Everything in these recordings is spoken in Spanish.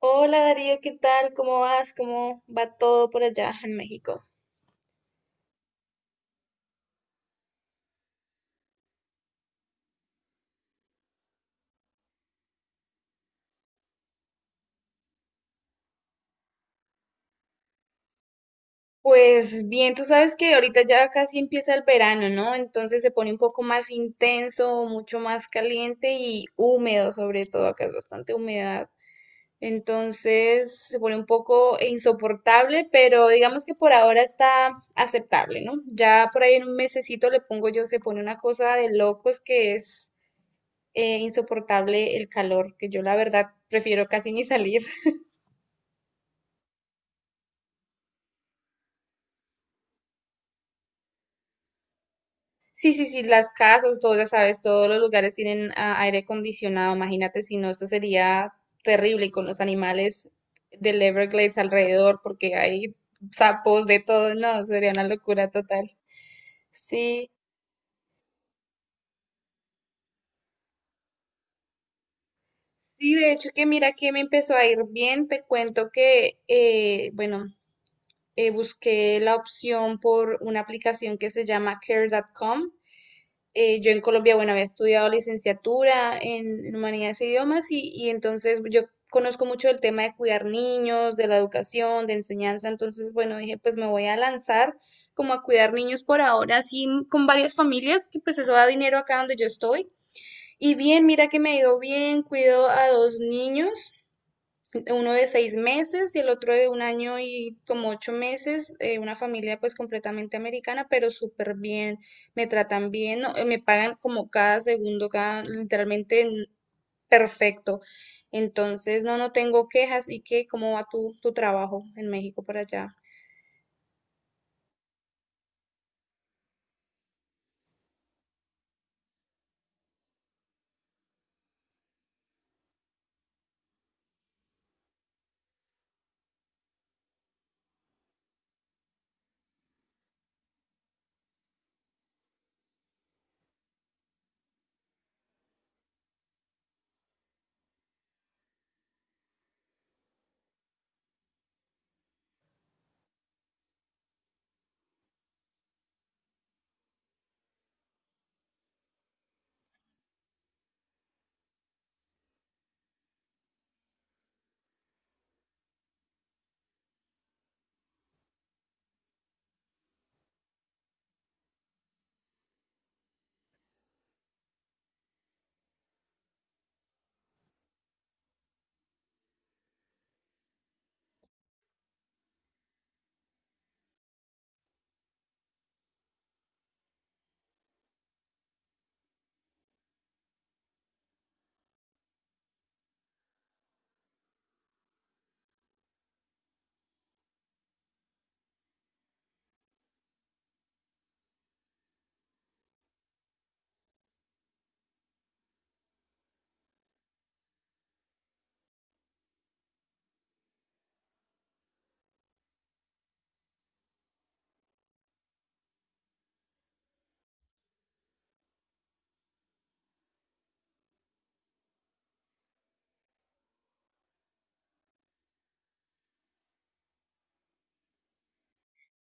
Hola Darío, ¿qué tal? ¿Cómo vas? ¿Cómo va todo por allá en México? Pues bien, tú sabes que ahorita ya casi empieza el verano, ¿no? Entonces se pone un poco más intenso, mucho más caliente y húmedo, sobre todo, acá es bastante humedad. Entonces se pone un poco insoportable, pero digamos que por ahora está aceptable, ¿no? Ya por ahí en un mesecito le pongo yo, se pone una cosa de locos que es insoportable el calor, que yo la verdad prefiero casi ni salir. Sí, sí, sí, las casas, todo, ya sabes, todos los lugares tienen aire acondicionado. Imagínate si no, esto sería terrible y con los animales del Everglades alrededor, porque hay sapos de todo, no, sería una locura total. Sí, sí, de hecho que mira que me empezó a ir bien, te cuento que, bueno, busqué la opción por una aplicación que se llama Care.com. Yo en Colombia, bueno, había estudiado licenciatura en humanidades e idiomas y entonces yo conozco mucho el tema de cuidar niños, de la educación, de enseñanza, entonces, bueno, dije, pues me voy a lanzar como a cuidar niños por ahora, así con varias familias, que pues eso da dinero acá donde yo estoy. Y bien, mira que me ha ido bien, cuido a dos niños, uno de 6 meses y el otro de 1 año y como 8 meses, una familia pues completamente americana, pero súper bien, me tratan bien, no, me pagan como cada segundo, cada, literalmente perfecto. Entonces, no, no tengo quejas. ¿Y qué? ¿Cómo va tu trabajo en México por allá?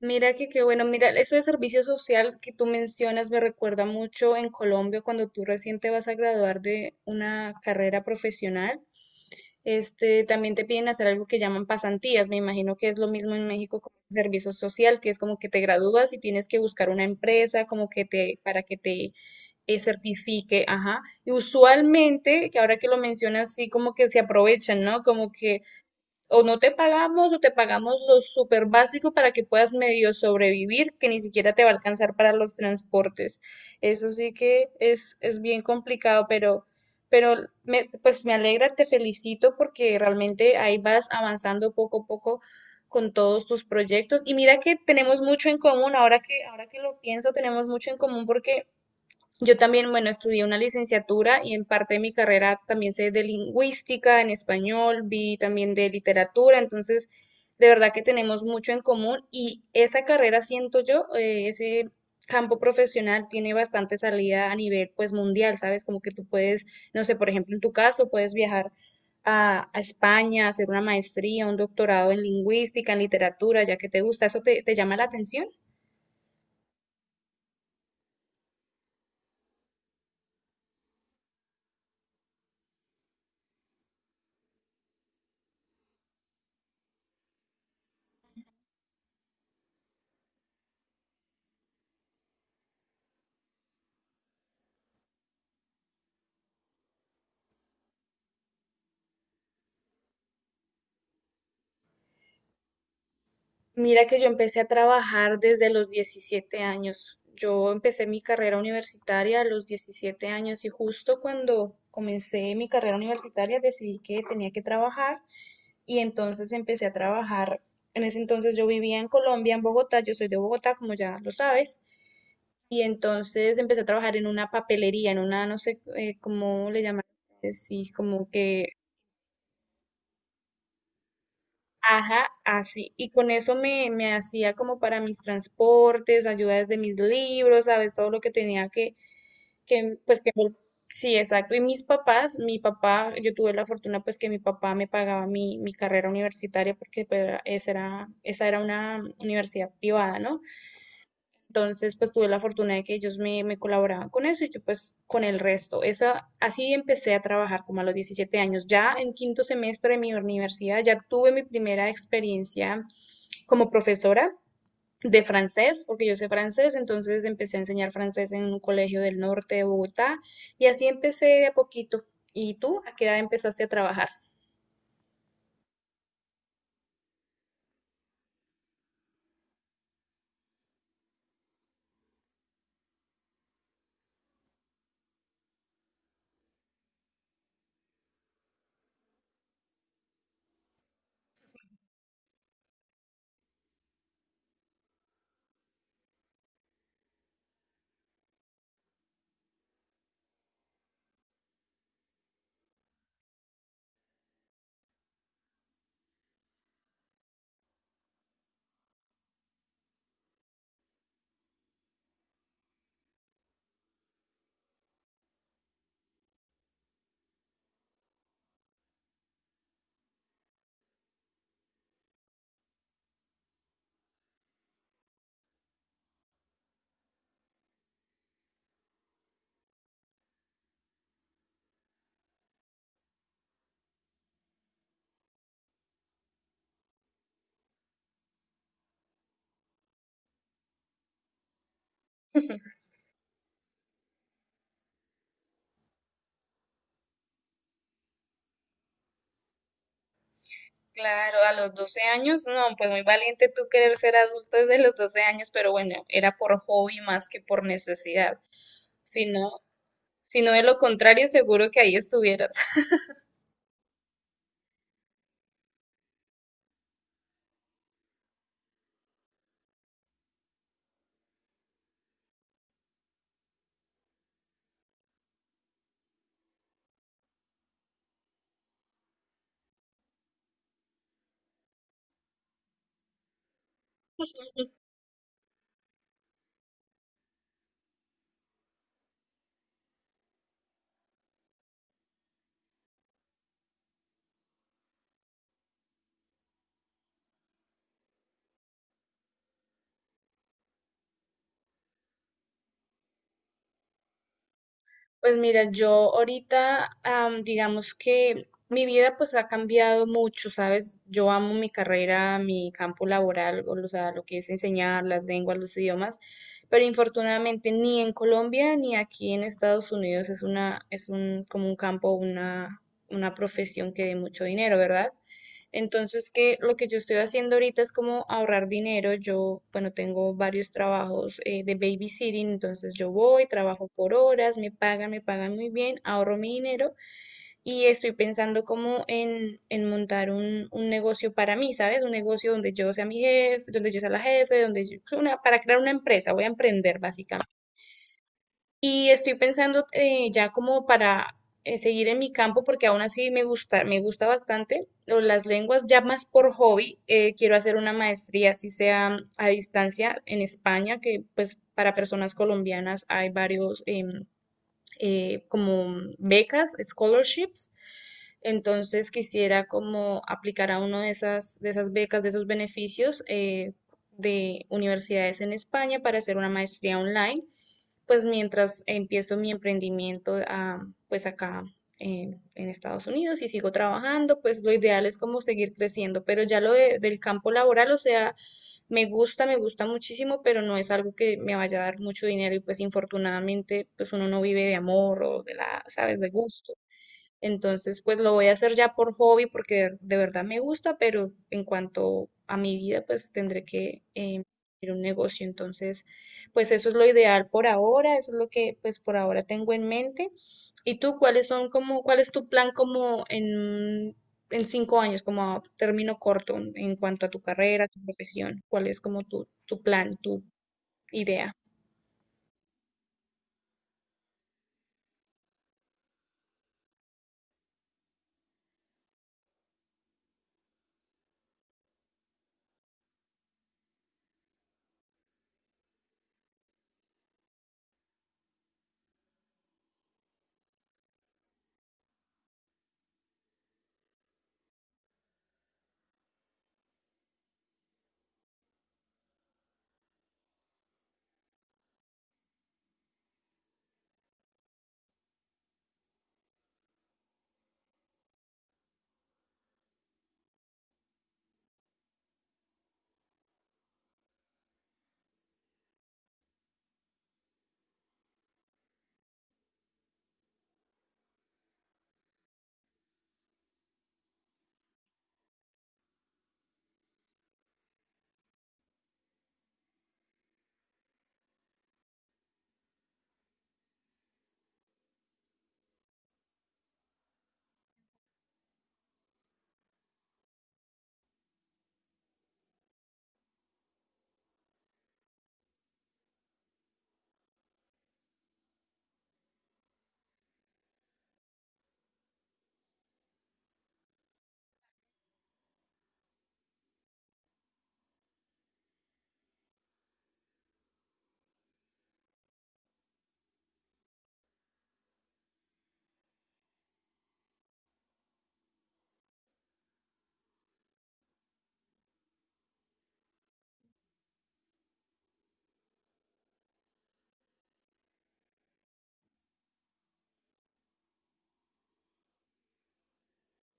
Mira que qué bueno, mira, eso de servicio social que tú mencionas me recuerda mucho en Colombia cuando tú recién te vas a graduar de una carrera profesional. Este, también te piden hacer algo que llaman pasantías. Me imagino que es lo mismo en México con servicio social, que es como que te gradúas y tienes que buscar una empresa como que para que te certifique, ajá. Y usualmente, que ahora que lo mencionas, sí como que se aprovechan, ¿no? Como que o no te pagamos o te pagamos lo súper básico para que puedas medio sobrevivir, que ni siquiera te va a alcanzar para los transportes. Eso sí que es bien complicado, pero pues me alegra, te felicito porque realmente ahí vas avanzando poco a poco con todos tus proyectos. Y mira que tenemos mucho en común, ahora que lo pienso, tenemos mucho en común porque yo también, bueno, estudié una licenciatura y en parte de mi carrera también sé de lingüística en español, vi también de literatura, entonces de verdad que tenemos mucho en común y esa carrera, siento yo, ese campo profesional tiene bastante salida a nivel pues mundial, ¿sabes? Como que tú puedes, no sé, por ejemplo, en tu caso, puedes viajar a España, hacer una maestría, un doctorado en lingüística, en literatura, ya que te gusta, ¿eso te llama la atención? Mira que yo empecé a trabajar desde los 17 años. Yo empecé mi carrera universitaria a los 17 años y justo cuando comencé mi carrera universitaria decidí que tenía que trabajar y entonces empecé a trabajar. En ese entonces yo vivía en Colombia, en Bogotá, yo soy de Bogotá, como ya lo sabes, y entonces empecé a trabajar en una papelería, en una, no sé, cómo le llaman, sí, como que ajá, así. Y con eso me hacía como para mis transportes, ayudas de mis libros, ¿sabes? Todo lo que tenía que pues que. Sí, exacto. Y mis papás, mi papá, yo tuve la fortuna pues que mi papá me pagaba mi carrera universitaria porque pues, esa era una universidad privada, ¿no? Entonces, pues tuve la fortuna de que ellos me colaboraban con eso y yo pues con el resto. Esa, así empecé a trabajar como a los 17 años. Ya en quinto semestre de mi universidad ya tuve mi primera experiencia como profesora de francés, porque yo sé francés, entonces empecé a enseñar francés en un colegio del norte de Bogotá y así empecé de a poquito. ¿Y tú a qué edad empezaste a trabajar? Claro, a los 12 años, no, pues muy valiente tú querer ser adulto desde los 12 años, pero bueno, era por hobby más que por necesidad. Si no, si no de lo contrario, seguro que ahí estuvieras. Pues mira, yo ahorita, digamos que mi vida pues ha cambiado mucho, ¿sabes? Yo amo mi carrera, mi campo laboral, o sea, lo que es enseñar las lenguas, los idiomas, pero infortunadamente ni en Colombia ni aquí en Estados Unidos es una, es un, como un campo, una profesión que dé mucho dinero, ¿verdad? Entonces, que lo que yo estoy haciendo ahorita es como ahorrar dinero. Yo, bueno, tengo varios trabajos de babysitting, entonces yo voy, trabajo por horas, me pagan muy bien, ahorro mi dinero y estoy pensando como en montar un negocio para mí, ¿sabes? Un negocio donde yo sea mi jefe, donde yo sea la jefe, para crear una empresa, voy a emprender básicamente. Y estoy pensando ya como para seguir en mi campo, porque aún así me gusta bastante las lenguas, ya más por hobby. Quiero hacer una maestría, así sea a distancia, en España, que pues para personas colombianas hay varios como becas, scholarships. Entonces quisiera como aplicar a una de esas becas, de esos beneficios de universidades en España para hacer una maestría online pues mientras empiezo mi emprendimiento a pues acá en Estados Unidos y sigo trabajando, pues lo ideal es como seguir creciendo, pero ya lo del campo laboral, o sea, me gusta muchísimo, pero no es algo que me vaya a dar mucho dinero y pues infortunadamente pues uno no vive de amor o sabes, de gusto. Entonces, pues lo voy a hacer ya por hobby porque de verdad me gusta, pero en cuanto a mi vida, pues tendré que ir a un negocio. Entonces, pues eso es lo ideal por ahora, eso es lo que pues por ahora tengo en mente. ¿Y tú cuáles son cuál es tu plan como en 5 años, como a término corto en cuanto a tu carrera, tu profesión? ¿Cuál es como tu plan, tu idea?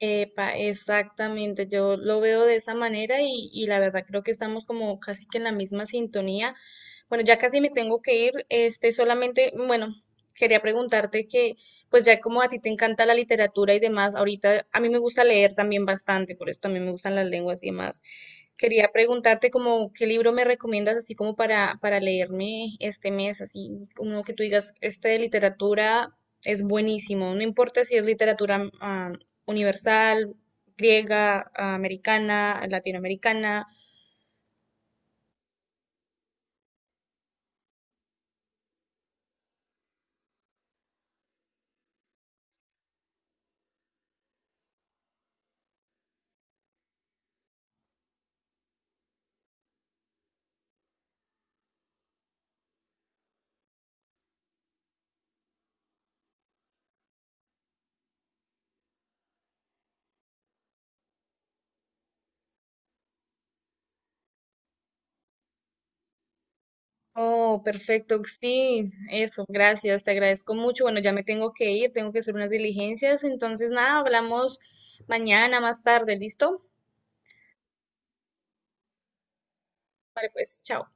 Epa, exactamente, yo lo veo de esa manera y la verdad creo que estamos como casi que en la misma sintonía. Bueno, ya casi me tengo que ir, este, solamente, bueno, quería preguntarte que, pues ya como a ti te encanta la literatura y demás, ahorita a mí me gusta leer también bastante, por eso también me gustan las lenguas y demás. Quería preguntarte como qué libro me recomiendas así como para leerme este mes, así uno que tú digas, este de literatura es buenísimo, no importa si es literatura universal, griega, americana, latinoamericana. Oh, perfecto, sí, eso, gracias, te agradezco mucho. Bueno, ya me tengo que ir, tengo que hacer unas diligencias, entonces nada, hablamos mañana más tarde, ¿listo? Vale, pues, chao.